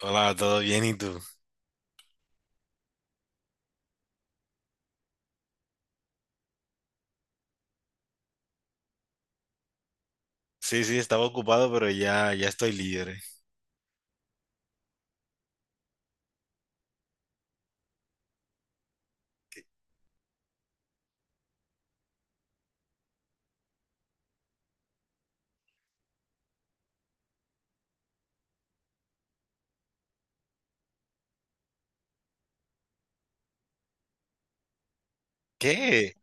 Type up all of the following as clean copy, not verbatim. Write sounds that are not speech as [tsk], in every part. Hola, ¿todo bien? ¿Y tú? Sí, sí, estaba ocupado, pero ya, ya estoy libre. ¿Qué?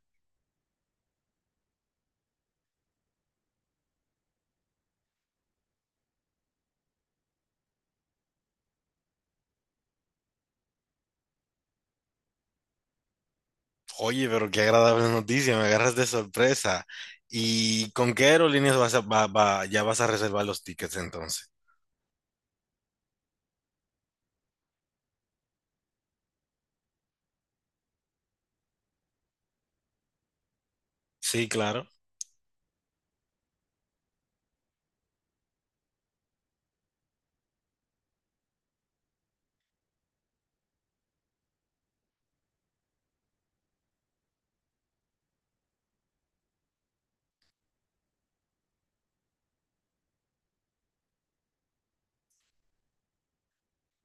Oye, pero qué agradable noticia, me agarras de sorpresa. ¿Y con qué aerolíneas vas a, va- va- ya vas a reservar los tickets entonces? Sí, claro.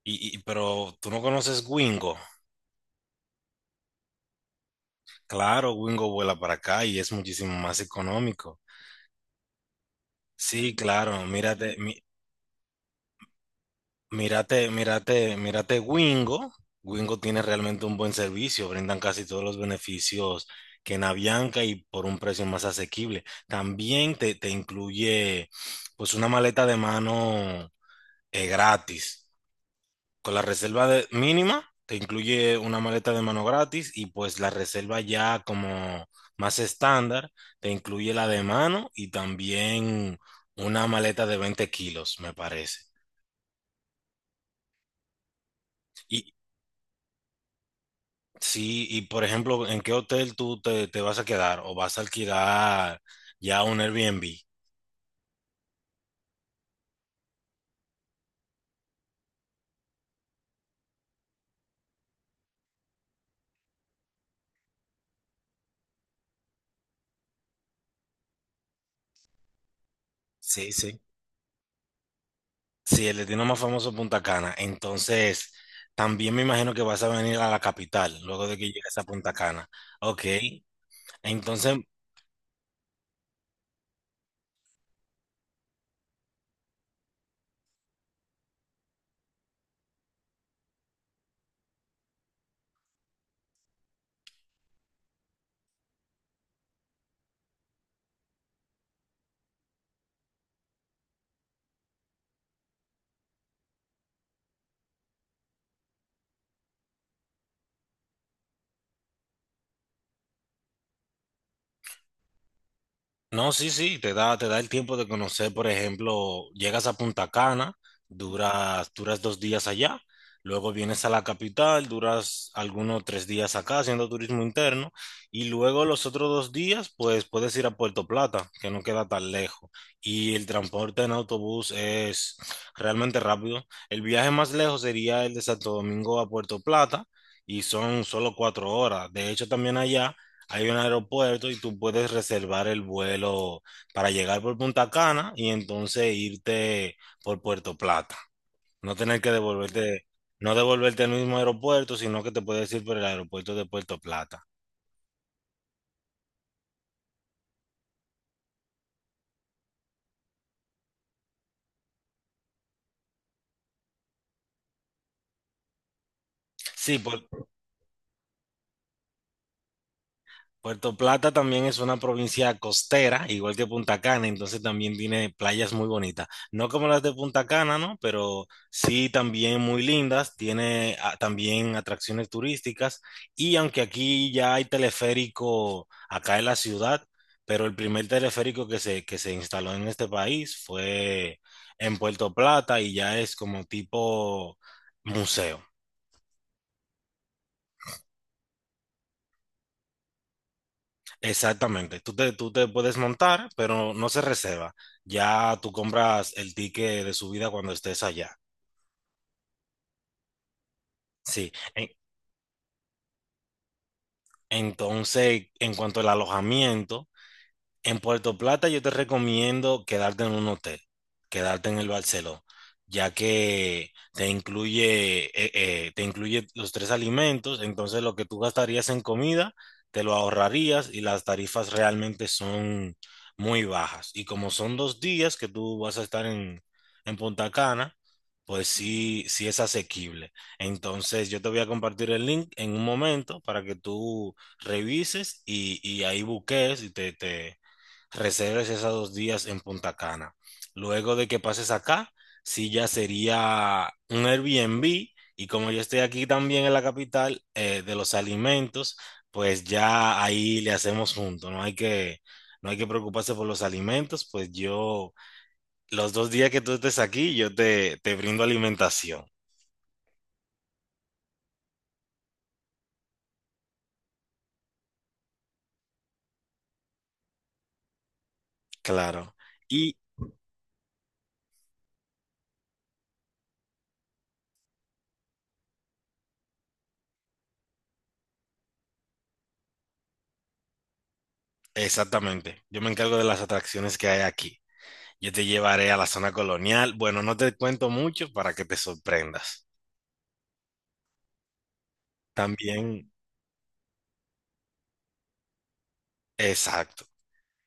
Pero tú no conoces Wingo. Claro, Wingo vuela para acá y es muchísimo más económico. Sí, claro, mírate. Mírate, mírate, mírate Wingo. Wingo tiene realmente un buen servicio, brindan casi todos los beneficios que en Avianca y por un precio más asequible. También te incluye pues una maleta de mano gratis. Con la reserva mínima, te incluye una maleta de mano gratis y pues la reserva ya como más estándar, te incluye la de mano y también una maleta de 20 kilos, me parece. Y, Sí, y por ejemplo, ¿en qué hotel tú te vas a quedar o vas a alquilar ya un Airbnb? Sí, sí. Sí, el destino más famoso es Punta Cana. Entonces, también me imagino que vas a venir a la capital luego de que llegues a Punta Cana. Ok. Entonces, No, sí, sí, te da el tiempo de conocer, por ejemplo, llegas a Punta Cana, duras 2 días allá, luego vienes a la capital, duras algunos 3 días acá haciendo turismo interno, y luego los otros 2 días, pues puedes ir a Puerto Plata, que no queda tan lejos, y el transporte en autobús es realmente rápido. El viaje más lejos sería el de Santo Domingo a Puerto Plata, y son solo 4 horas. De hecho, también allá hay un aeropuerto y tú puedes reservar el vuelo para llegar por Punta Cana y entonces irte por Puerto Plata. No tener que devolverte, no devolverte al mismo aeropuerto, sino que te puedes ir por el aeropuerto de Puerto Plata. Sí, por, Puerto Plata también es una provincia costera, igual que Punta Cana, entonces también tiene playas muy bonitas. No como las de Punta Cana, ¿no? Pero sí también muy lindas, tiene también atracciones turísticas, y aunque aquí ya hay teleférico acá en la ciudad, pero el primer teleférico que se instaló en este país fue en Puerto Plata y ya es como tipo museo. Exactamente, tú te puedes montar, pero no se reserva. Ya tú compras el ticket de subida cuando estés allá. Sí. Entonces, en cuanto al alojamiento. En Puerto Plata yo te recomiendo quedarte en un hotel, quedarte en el Barceló, ya que te incluye los tres alimentos, entonces lo que tú gastarías en comida, te lo ahorrarías y las tarifas realmente son muy bajas. Y como son 2 días que tú vas a estar en Punta Cana, pues sí, sí es asequible. Entonces yo te voy a compartir el link en un momento para que tú revises y ahí busques y reserves esos 2 días en Punta Cana. Luego de que pases acá, sí ya sería un Airbnb, y como yo estoy aquí también en la capital de los alimentos, pues ya ahí le hacemos junto, no hay que preocuparse por los alimentos, pues yo, los 2 días que tú estés aquí, yo te brindo alimentación, claro. Y exactamente, yo me encargo de las atracciones que hay aquí. Yo te llevaré a la zona colonial. Bueno, no te cuento mucho para que te sorprendas. También, exacto.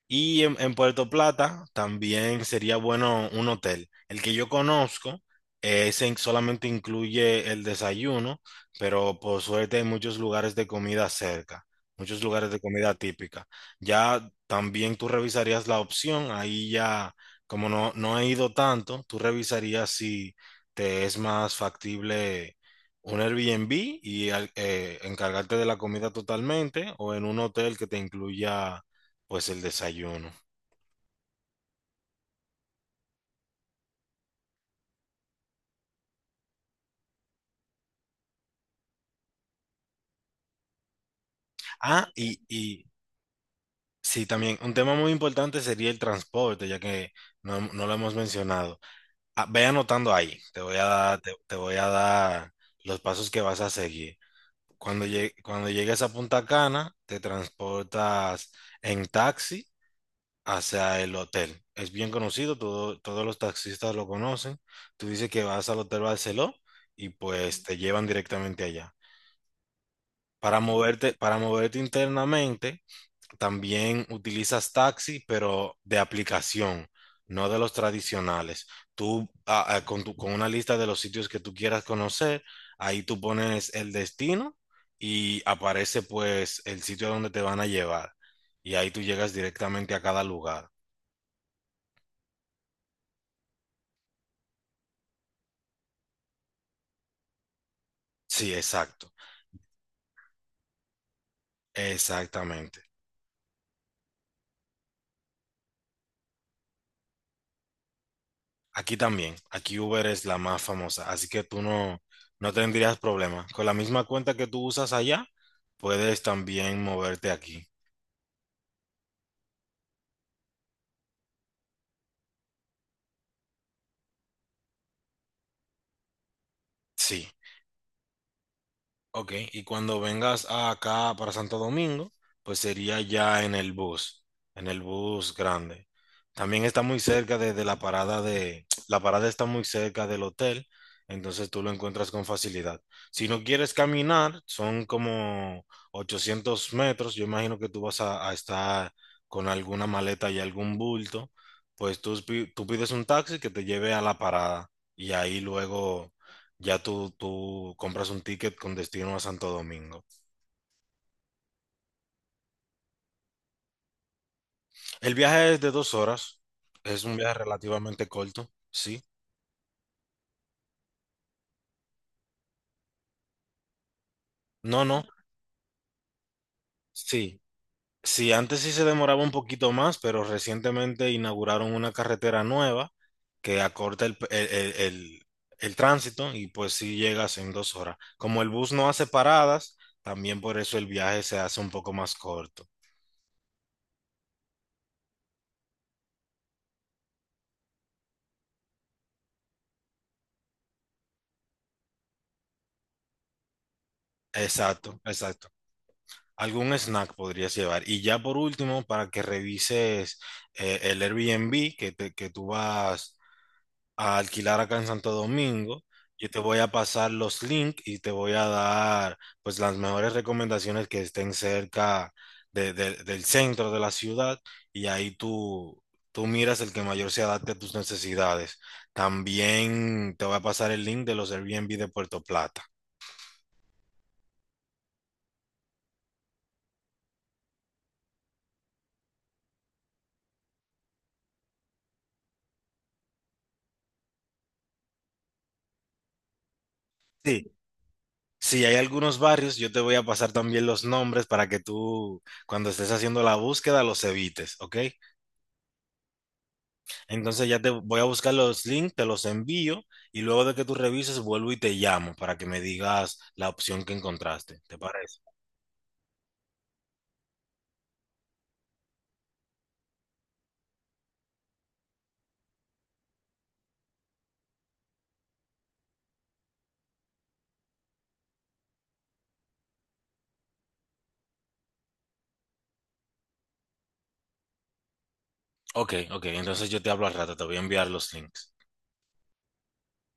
Y en Puerto Plata también sería bueno un hotel. El que yo conozco solamente incluye el desayuno, pero por suerte hay muchos lugares de comida cerca, muchos lugares de comida típica. Ya también tú revisarías la opción, ahí ya, como no he ido tanto, tú revisarías si te es más factible un Airbnb y encargarte de la comida totalmente o en un hotel que te incluya pues el desayuno. Ah, y sí, también un tema muy importante sería el transporte, ya que no lo hemos mencionado. Ah, ve anotando ahí, te voy a dar, te voy a dar los pasos que vas a seguir. Cuando llegues a Punta Cana, te transportas en taxi hacia el hotel. Es bien conocido, todos los taxistas lo conocen. Tú dices que vas al Hotel Barceló y pues te llevan directamente allá. Para moverte internamente, también utilizas taxi, pero de aplicación, no de los tradicionales. Tú ah, ah, con, tu- con una lista de los sitios que tú quieras conocer, ahí tú pones el destino y aparece pues el sitio donde te van a llevar. Y ahí tú llegas directamente a cada lugar. Sí, exacto. Exactamente. Aquí también. Aquí Uber es la más famosa, así que tú no tendrías problema. Con la misma cuenta que tú usas allá, puedes también moverte aquí. Sí. Ok, y cuando vengas acá para Santo Domingo, pues sería ya en el bus grande. También está muy cerca de la parada de, [tsk] la parada está muy cerca del hotel, entonces tú lo encuentras con facilidad. Si no quieres caminar, son como 800 metros, yo imagino que tú vas a estar con alguna maleta y algún bulto, pues tú pides un taxi que te lleve a la parada y ahí luego ya tú compras un ticket con destino a Santo Domingo. El viaje es de 2 horas. Es un viaje relativamente corto. Sí. No, no. Sí. Sí, antes sí se demoraba un poquito más, pero recientemente inauguraron una carretera nueva que acorta el tránsito y pues sí llegas en 2 horas. Como el bus no hace paradas, también por eso el viaje se hace un poco más corto. Exacto, exacto. Algún snack podrías llevar. Y ya por último, para que revises el Airbnb que tú vas a alquilar acá en Santo Domingo, yo te voy a pasar los links y te voy a dar pues las mejores recomendaciones que estén cerca del centro de la ciudad, y ahí tú miras el que mayor se adapte a tus necesidades. También te voy a pasar el link de los Airbnb de Puerto Plata. Sí, si hay algunos barrios, yo te voy a pasar también los nombres para que tú, cuando estés haciendo la búsqueda, los evites, ¿ok? Entonces ya te voy a buscar los links, te los envío y luego de que tú revises, vuelvo y te llamo para que me digas la opción que encontraste, ¿te parece? Ok, ok, entonces yo te hablo al rato, te voy a enviar los links.